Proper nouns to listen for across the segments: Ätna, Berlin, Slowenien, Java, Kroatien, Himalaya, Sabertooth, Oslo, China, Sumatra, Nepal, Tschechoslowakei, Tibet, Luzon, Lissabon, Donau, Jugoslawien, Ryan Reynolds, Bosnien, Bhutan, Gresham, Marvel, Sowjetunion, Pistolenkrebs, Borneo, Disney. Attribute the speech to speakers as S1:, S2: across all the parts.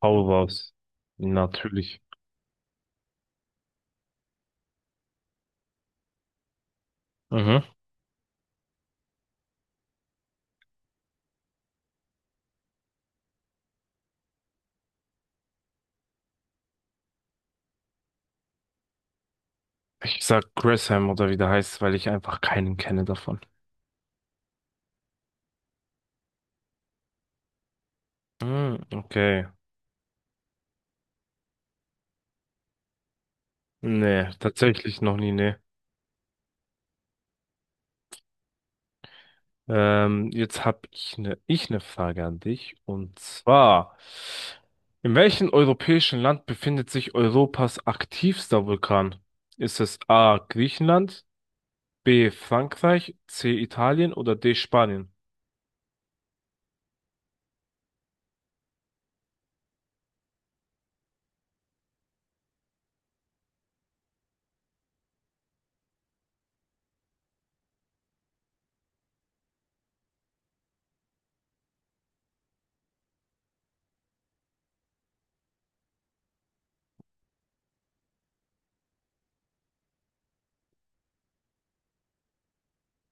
S1: Paul Walls. Natürlich. Mhm. Ich sag Gresham oder wie der heißt, weil ich einfach keinen kenne davon. Hm, okay. Nee, tatsächlich noch nie, nee. Jetzt hab ich ne Frage an dich. Und zwar, in welchem europäischen Land befindet sich Europas aktivster Vulkan? Ist es A. Griechenland, B. Frankreich, C. Italien oder D. Spanien?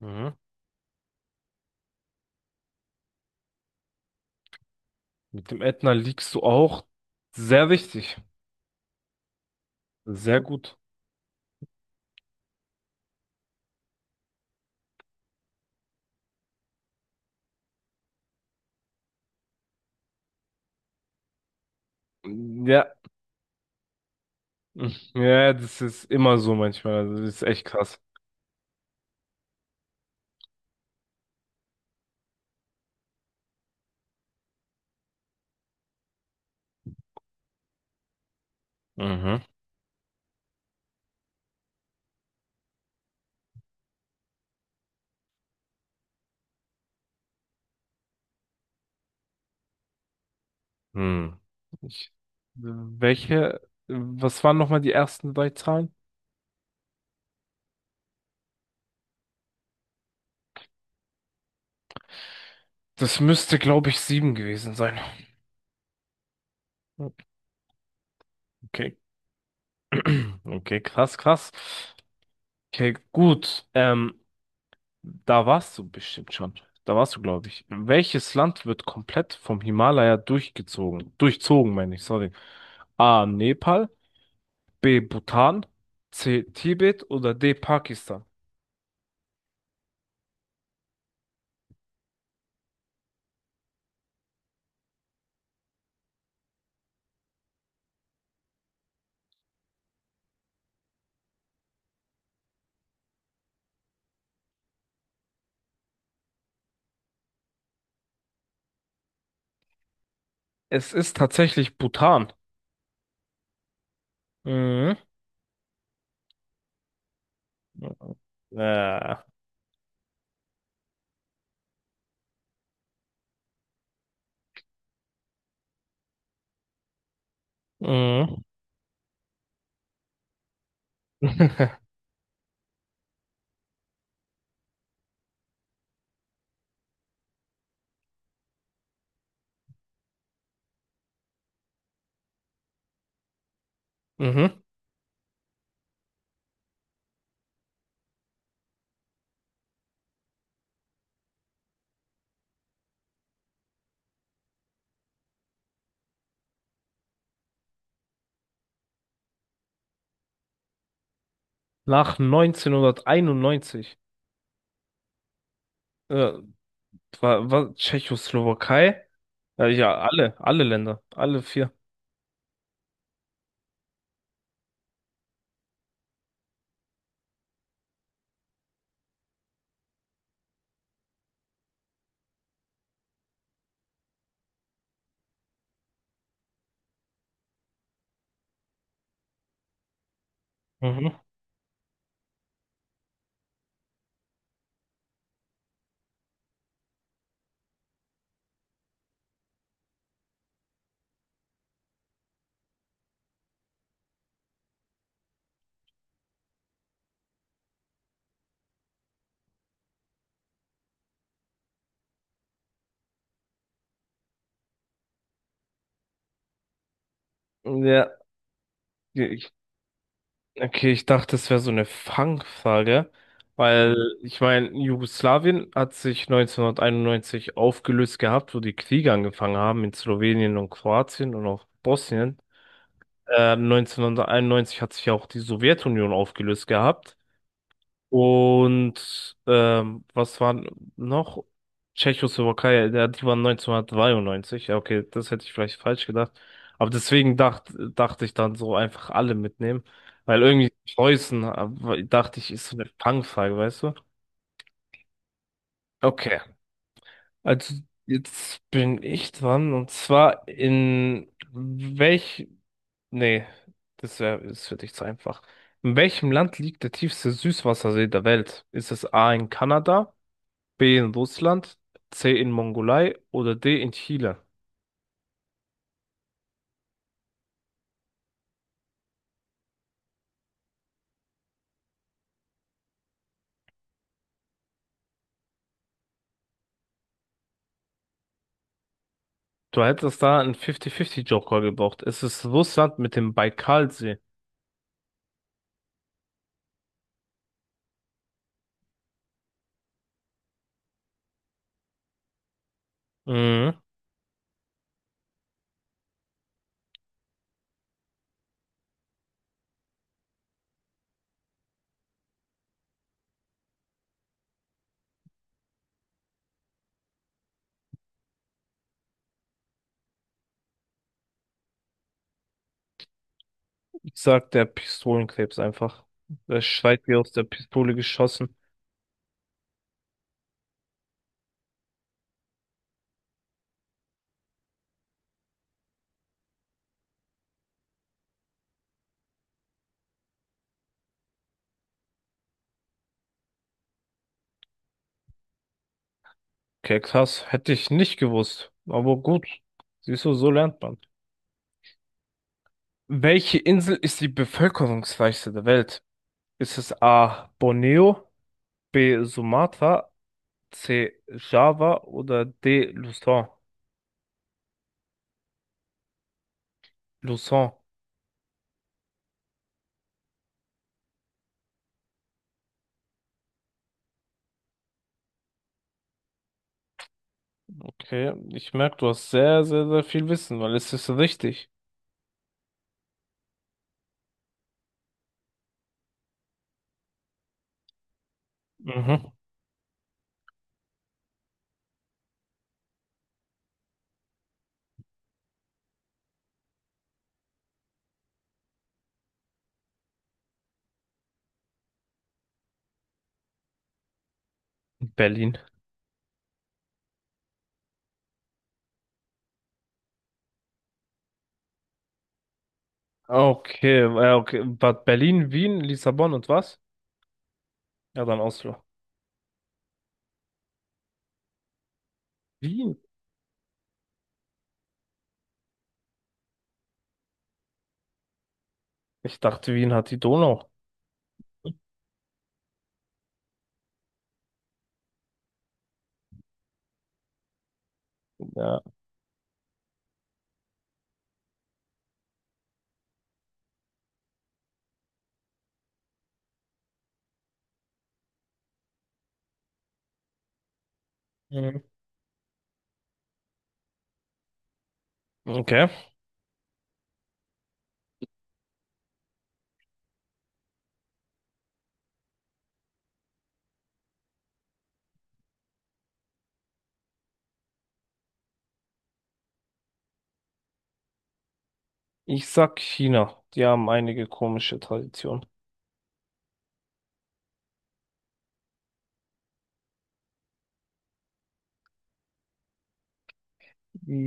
S1: Mhm. Mit dem Ätna liegst du auch sehr richtig. Sehr gut. Ja, ja, das ist immer so manchmal. Das ist echt krass. Mhm. Hm. Ich, welche, Was waren nochmal die ersten drei Zahlen? Das müsste, glaube ich, sieben gewesen sein. Okay, okay, krass, krass. Okay, gut. Da warst du bestimmt schon. Da warst du, glaube ich. Welches Land wird komplett vom Himalaya durchgezogen? Durchzogen, meine ich, sorry. A. Nepal, B. Bhutan, C. Tibet oder D. Pakistan? Es ist tatsächlich Bhutan. Mhm. Äh. Mhm. Mhm. Nach 1991. Äh, war Tschechoslowakei? Ja, alle Länder, alle vier. Mhm. Ja, ich, okay, ich dachte, es wäre so eine Fangfrage, weil ich meine, Jugoslawien hat sich 1991 aufgelöst gehabt, wo die Kriege angefangen haben in Slowenien und Kroatien und auch Bosnien. 1991 hat sich ja auch die Sowjetunion aufgelöst gehabt. Und was war noch? Tschechoslowakei, ja, die waren 1993. Ja, okay, das hätte ich vielleicht falsch gedacht. Aber deswegen dachte ich dann so einfach alle mitnehmen. Weil irgendwie Preußen, dachte ich, ist so eine Fangfrage, weißt du? Okay, also jetzt bin ich dran. Und zwar, in welch nee, das wäre das für dich zu einfach. In welchem Land liegt der tiefste Süßwassersee der Welt? Ist es A in Kanada, B in Russland, C in Mongolei oder D in Chile? Du hättest da einen 50-50-Joker gebraucht. Es ist Russland mit dem Baikalsee. Mhm. Ich sag der Pistolenkrebs einfach. Der schreit wie aus der Pistole geschossen. Okay, krass. Hätte ich nicht gewusst. Aber gut. Siehst du, so lernt man. Welche Insel ist die bevölkerungsreichste der Welt? Ist es A. Borneo, B. Sumatra, C. Java oder D. Luzon? Luzon. Okay, ich merke, du hast sehr, sehr, sehr viel Wissen, weil es ist richtig. Mhm. Berlin. Okay, okay. Bad Berlin, Wien, Lissabon und was? Ja, dann Oslo. Wien. Ich dachte, Wien hat die Donau. Ja. Mhm. Okay. Ich sag China. Die haben einige komische Traditionen.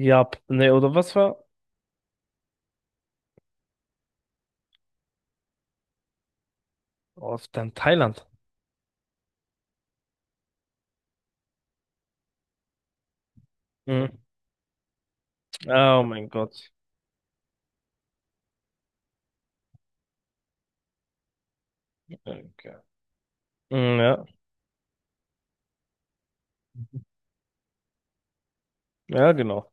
S1: Ja, nee, oder was war? Oh, dann Thailand. Mhm. Oh mein Gott. Okay. Mm, ja, ja, genau.